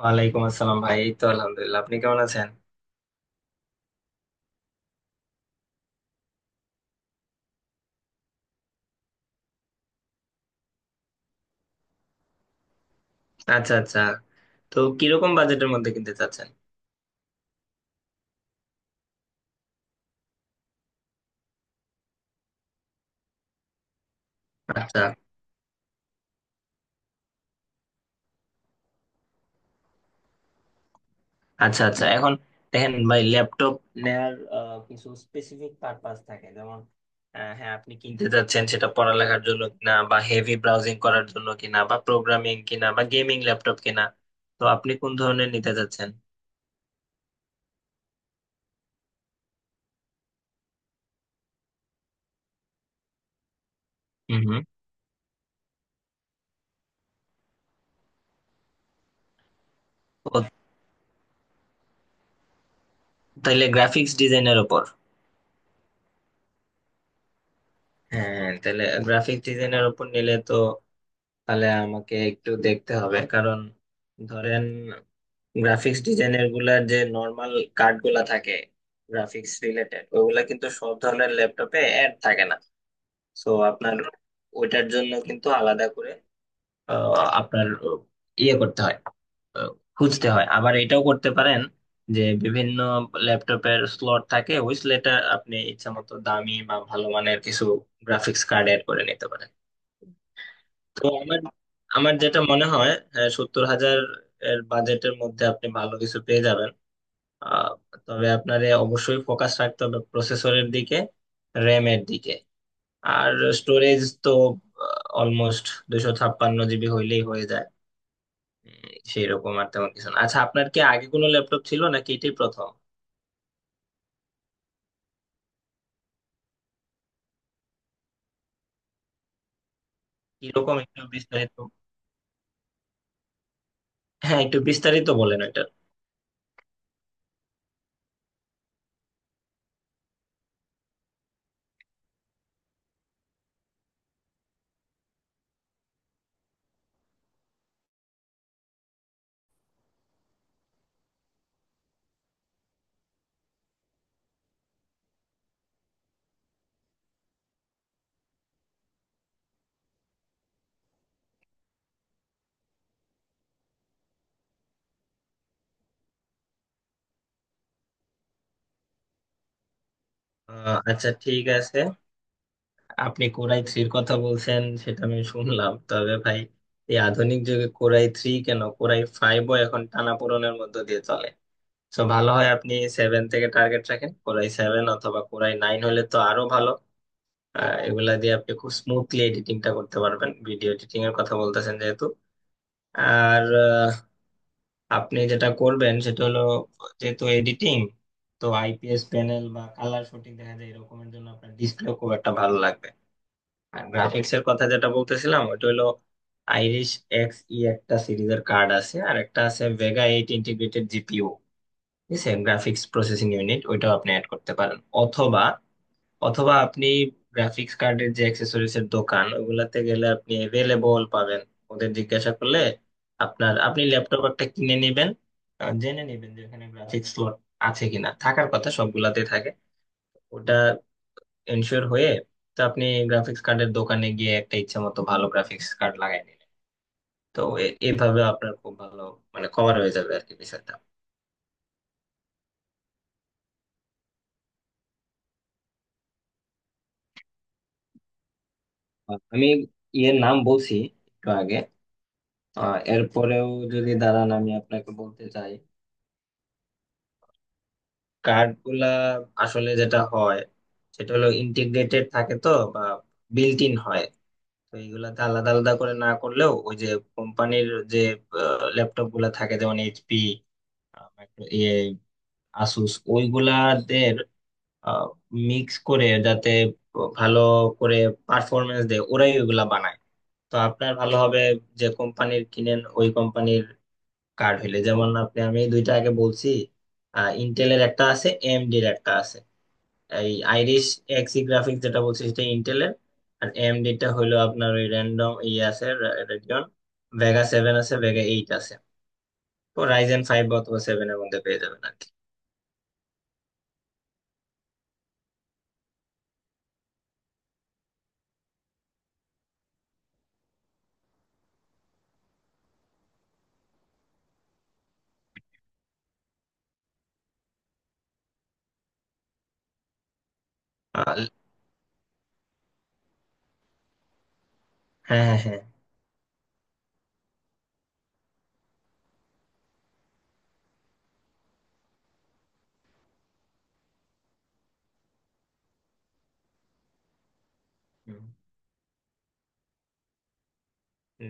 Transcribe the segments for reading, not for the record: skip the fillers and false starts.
ওয়ালাইকুম আসসালাম ভাই, এই তো আলহামদুলিল্লাহ। আপনি কেমন আছেন? আচ্ছা আচ্ছা। তো কিরকম বাজেটের মধ্যে কিনতে চাচ্ছেন? আচ্ছা আচ্ছা আচ্ছা। এখন দেখেন ভাই, ল্যাপটপ নেয়ার কিছু স্পেসিফিক পারপাস থাকে, যেমন হ্যাঁ, আপনি কিনতে চাচ্ছেন সেটা পড়ালেখার জন্য কিনা, বা হেভি ব্রাউজিং করার জন্য কিনা, বা প্রোগ্রামিং কিনা, বা গেমিং ল্যাপটপ কিনা। তো আপনি কোন ধরনের নিতে চাচ্ছেন? হুম হুম। ও, তাহলে গ্রাফিক্স ডিজাইনের ওপর? হ্যাঁ, তাহলে গ্রাফিক্স ডিজাইনের ওপর নিলে তো তাহলে আমাকে একটু দেখতে হবে, কারণ ধরেন গ্রাফিক্স ডিজাইনের গুলার যে নর্মাল কার্ড গুলা থাকে, গ্রাফিক্স রিলেটেড ওগুলা কিন্তু সব ধরনের ল্যাপটপে অ্যাড থাকে না। সো আপনার ওইটার জন্য কিন্তু আলাদা করে আহ, আপনার ইয়ে করতে হয়, আহ, খুঁজতে হয়। আবার এটাও করতে পারেন, যে বিভিন্ন ল্যাপটপের স্লট থাকে, ওই স্লটে আপনি ইচ্ছা মতো দামি বা ভালো মানের কিছু গ্রাফিক্স কার্ড এড করে নিতে পারেন। তো আমার আমার যেটা মনে হয়, হ্যাঁ, 70,000 এর বাজেটের মধ্যে আপনি ভালো কিছু পেয়ে যাবেন। আহ, তবে আপনার এ অবশ্যই ফোকাস রাখতে হবে প্রসেসরের দিকে, র্যাম এর দিকে, আর স্টোরেজ তো অলমোস্ট 256 জিবি হইলেই হয়ে যায়। সেই রকম আর তেমন কিছু না। আচ্ছা, আপনার কি আগে কোনো ল্যাপটপ ছিল নাকি এটাই প্রথম? কিরকম, একটু বিস্তারিত? হ্যাঁ, একটু বিস্তারিত বলেন এটা। আচ্ছা ঠিক আছে। আপনি কোরাই থ্রির কথা বলছেন, সেটা আমি শুনলাম, তবে ভাই এই আধুনিক যুগে কোরাই থ্রি কেন, কোরাই ফাইভও এখন টানাপোড়েনের মধ্য দিয়ে চলে। তো ভালো হয় আপনি সেভেন থেকে টার্গেট রাখেন, কোরাই সেভেন অথবা কোরাই নাইন হলে তো আরো ভালো। এগুলা দিয়ে আপনি খুব স্মুথলি এডিটিংটা করতে পারবেন, ভিডিও এডিটিং এর কথা বলতেছেন যেহেতু। আর আপনি যেটা করবেন সেটা হলো, যেহেতু এডিটিং, তো আইপিএস প্যানেল বা কালার শুটিং দেখা যায় এরকমের জন্য আপনার ডিসপ্লে খুব একটা ভালো লাগবে। আর গ্রাফিক্স এর কথা যেটা বলতেছিলাম, ওইটা হলো আইরিশ এক্স ই একটা সিরিজের কার্ড আছে, আর একটা আছে ভেগা এইট ইন্টিগ্রেটেড জিপিও, ঠিক আছে, গ্রাফিক্স প্রসেসিং ইউনিট, ওইটাও আপনি অ্যাড করতে পারেন। অথবা অথবা আপনি গ্রাফিক্স কার্ডের যে অ্যাক্সেসরিজ এর দোকান ওগুলাতে গেলে আপনি অ্যাভেলেবল পাবেন, ওদের জিজ্ঞাসা করলে। আপনার আপনি ল্যাপটপ একটা কিনে নেবেন, জেনে নেবেন যে ওখানে গ্রাফিক্স স্লট আছে কিনা, থাকার কথা সবগুলাতেই থাকে। ওটা এনশিওর হয়ে তো আপনি গ্রাফিক্স কার্ডের দোকানে গিয়ে একটা ইচ্ছা মতো ভালো গ্রাফিক্স কার্ড লাগাই নিলেন। তো এভাবে আপনার খুব ভালো, মানে কভার হয়ে যাবে আর কি বিষয়টা। আমি ইয়ের নাম বলছি একটু আগে, এরপরেও যদি দাঁড়ান আমি আপনাকে বলতে চাই। কার্ড গুলা আসলে যেটা হয় সেটা হলো ইন্টিগ্রেটেড থাকে তো, বা বিল্ট ইন হয়। তো এইগুলাতে আলাদা আলাদা করে না করলেও, ওই যে কোম্পানির যে ল্যাপটপ গুলা থাকে, যেমন এইচপি, আসুস, ওইগুলাদের মিক্স করে যাতে ভালো করে পারফরমেন্স দেয়, ওরাই ওইগুলা বানায়। তো আপনার ভালো হবে যে কোম্পানির কিনেন ওই কোম্পানির কার্ড হইলে। যেমন আপনি, আমি দুইটা আগে বলছি, ইন্টেলের একটা আছে, এএমডি এর একটা আছে। এই আইরিশ এক্সি গ্রাফিক্স যেটা বলছি সেটা ইন্টেলের, আর এএমডি টা হইলো আপনার ওই র্যান্ডম ই আছে, রেডিয়ন, ভেগা সেভেন আছে, ভেগা এইট আছে। তো রাইজেন ফাইভ অথবা সেভেন এর মধ্যে পেয়ে যাবেন আর কি। আর- হ্যাঁ হ্যাঁ হ্যাঁ।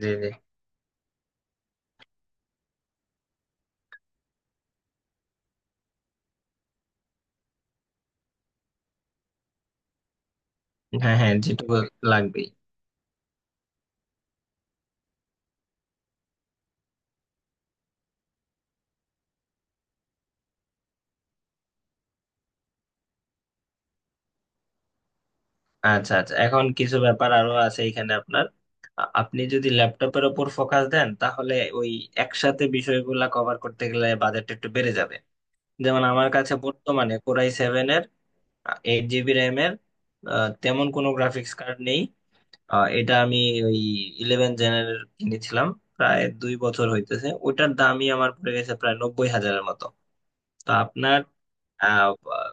জি জি। হ্যাঁ হ্যাঁ, যেটুকু লাগবেই। আচ্ছা আচ্ছা, এখন কিছু ব্যাপার আরো আছে এখানে। আপনার আপনি যদি ল্যাপটপের ওপর ফোকাস দেন, তাহলে ওই একসাথে বিষয়গুলা কভার করতে গেলে বাজেট একটু বেড়ে যাবে। যেমন আমার কাছে বর্তমানে কোরাই সেভেন এর 8 জিবি র্যাম এর, আ, তেমন কোনো গ্রাফিক্স কার্ড নেই। আ, এটা আমি ওই ইলেভেন জেনের কিনেছিলাম, প্রায় 2 বছর হইতেছে, ওটার দামই আমার পড়ে গেছে প্রায় 90,000 মতো। তো আপনার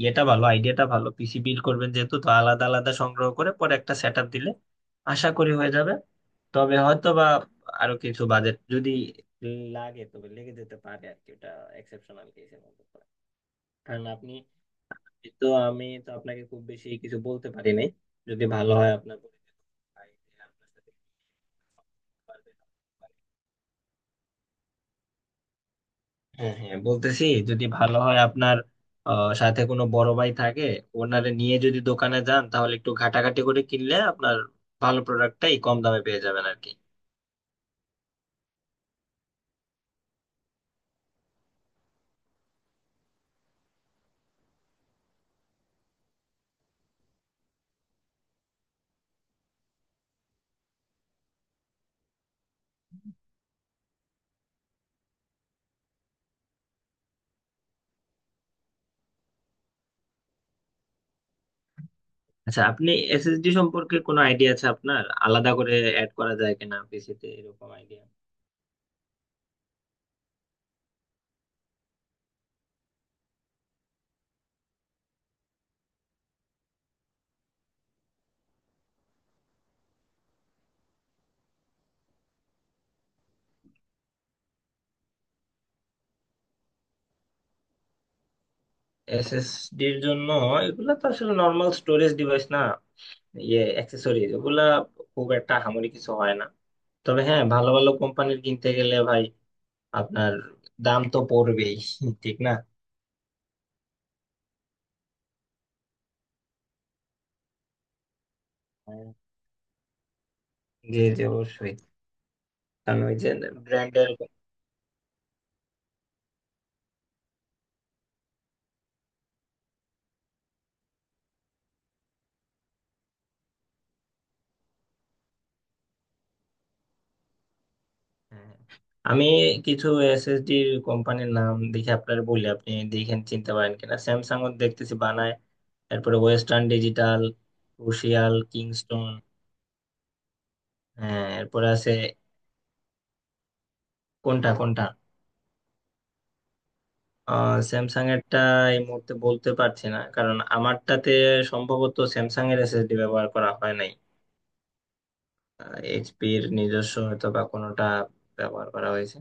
ইয়েটা ভালো, আইডিয়াটা ভালো, পিসি বিল্ড করবেন যেহেতু, তো আলাদা আলাদা সংগ্রহ করে পরে একটা সেট আপ দিলে আশা করি হয়ে যাবে। তবে হয়তো বা আরো কিছু বাজেট যদি লাগে তবে লেগে যেতে পারে আর কি, ওটা এক্সেপশনাল কেসের মতো করে। কারণ আপনি, তো আমি তো আপনাকে খুব বেশি কিছু বলতে পারি নাই। যদি ভালো হয় আপনার পরিচিত ভাই, যে আপনার সাথে পারবে। না। হ্যাঁ হ্যাঁ বলতেছি, যদি ভালো হয় আপনার সাথে কোনো বড় ভাই থাকে, ওনারে নিয়ে যদি দোকানে যান তাহলে একটু ঘাটাঘাটি করে কিনলে আপনার ভালো প্রোডাক্টটাই কম দামে পেয়ে যাবেন আর কি। আচ্ছা, আপনি এসএসডি সম্পর্কে কোনো আইডিয়া আছে আপনার? আলাদা করে অ্যাড করা যায় কিনা পিসিতে, এরকম আইডিয়া? এসএসডির জন্য এগুলা তো আসলে নর্মাল স্টোরেজ ডিভাইস না, ইয়ে অ্যাক্সেসরিজ এগুলা, খুব একটা হামরি কিছু হয় না। তবে হ্যাঁ, ভালো ভালো কোম্পানির কিনতে গেলে ভাই আপনার দাম তো পড়বেই, ঠিক না? জি জি অবশ্যই। কারণ ওই যে ব্র্যান্ডের। আমি কিছু এসএসডি কোম্পানির নাম দেখে আপনার বলি, আপনি দেখেন চিনতে পারেন কিনা। স্যামসাং দেখতেছি বানায়, এরপরে ওয়েস্টার্ন ডিজিটাল, ক্রুশিয়াল, কিংস্টোন। হ্যাঁ এরপরে আছে, কোনটা কোনটা, স্যামসাং এরটা এই মুহূর্তে বলতে পারছি না, কারণ আমারটাতে সম্ভবত স্যামসাং এর এসএসডি ব্যবহার করা হয় নাই, এইচপির নিজস্ব হয়তো বা কোনোটা ব্যবহার করা হয়েছে।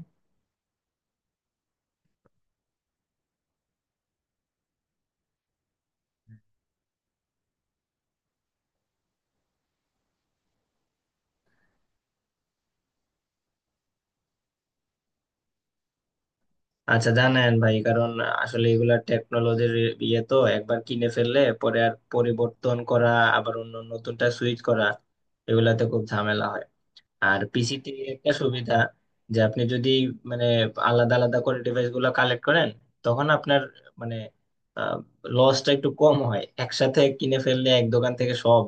আচ্ছা, জানেন ভাই, কারণ আসলে এগুলা টেকনোলজির ইয়ে, তো একবার কিনে ফেললে পরে আর পরিবর্তন করা, আবার অন্য নতুনটা সুইচ করা, এগুলাতে খুব ঝামেলা হয়। আর পিসিতে একটা সুবিধা, যে আপনি যদি মানে আলাদা আলাদা করে ডিভাইস গুলো কালেক্ট করেন, তখন আপনার মানে লসটা একটু কম হয়। একসাথে কিনে ফেললে এক দোকান থেকে সব,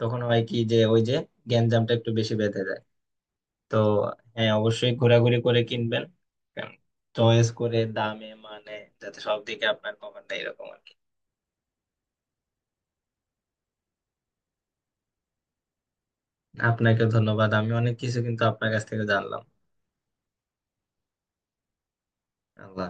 তখন হয় কি যে ওই যে গ্যাঞ্জামটা একটু বেশি বেঁধে যায়। তো হ্যাঁ অবশ্যই ঘোরাঘুরি করে কিনবেন, চয়েস করে, দামে মানে, যাতে সব দিকে আপনার কভার দেয় এরকম আর কি। আপনাকে ধন্যবাদ, আমি অনেক কিছু কিন্তু আপনার কাছ থেকে জানলাম। আল্লাহ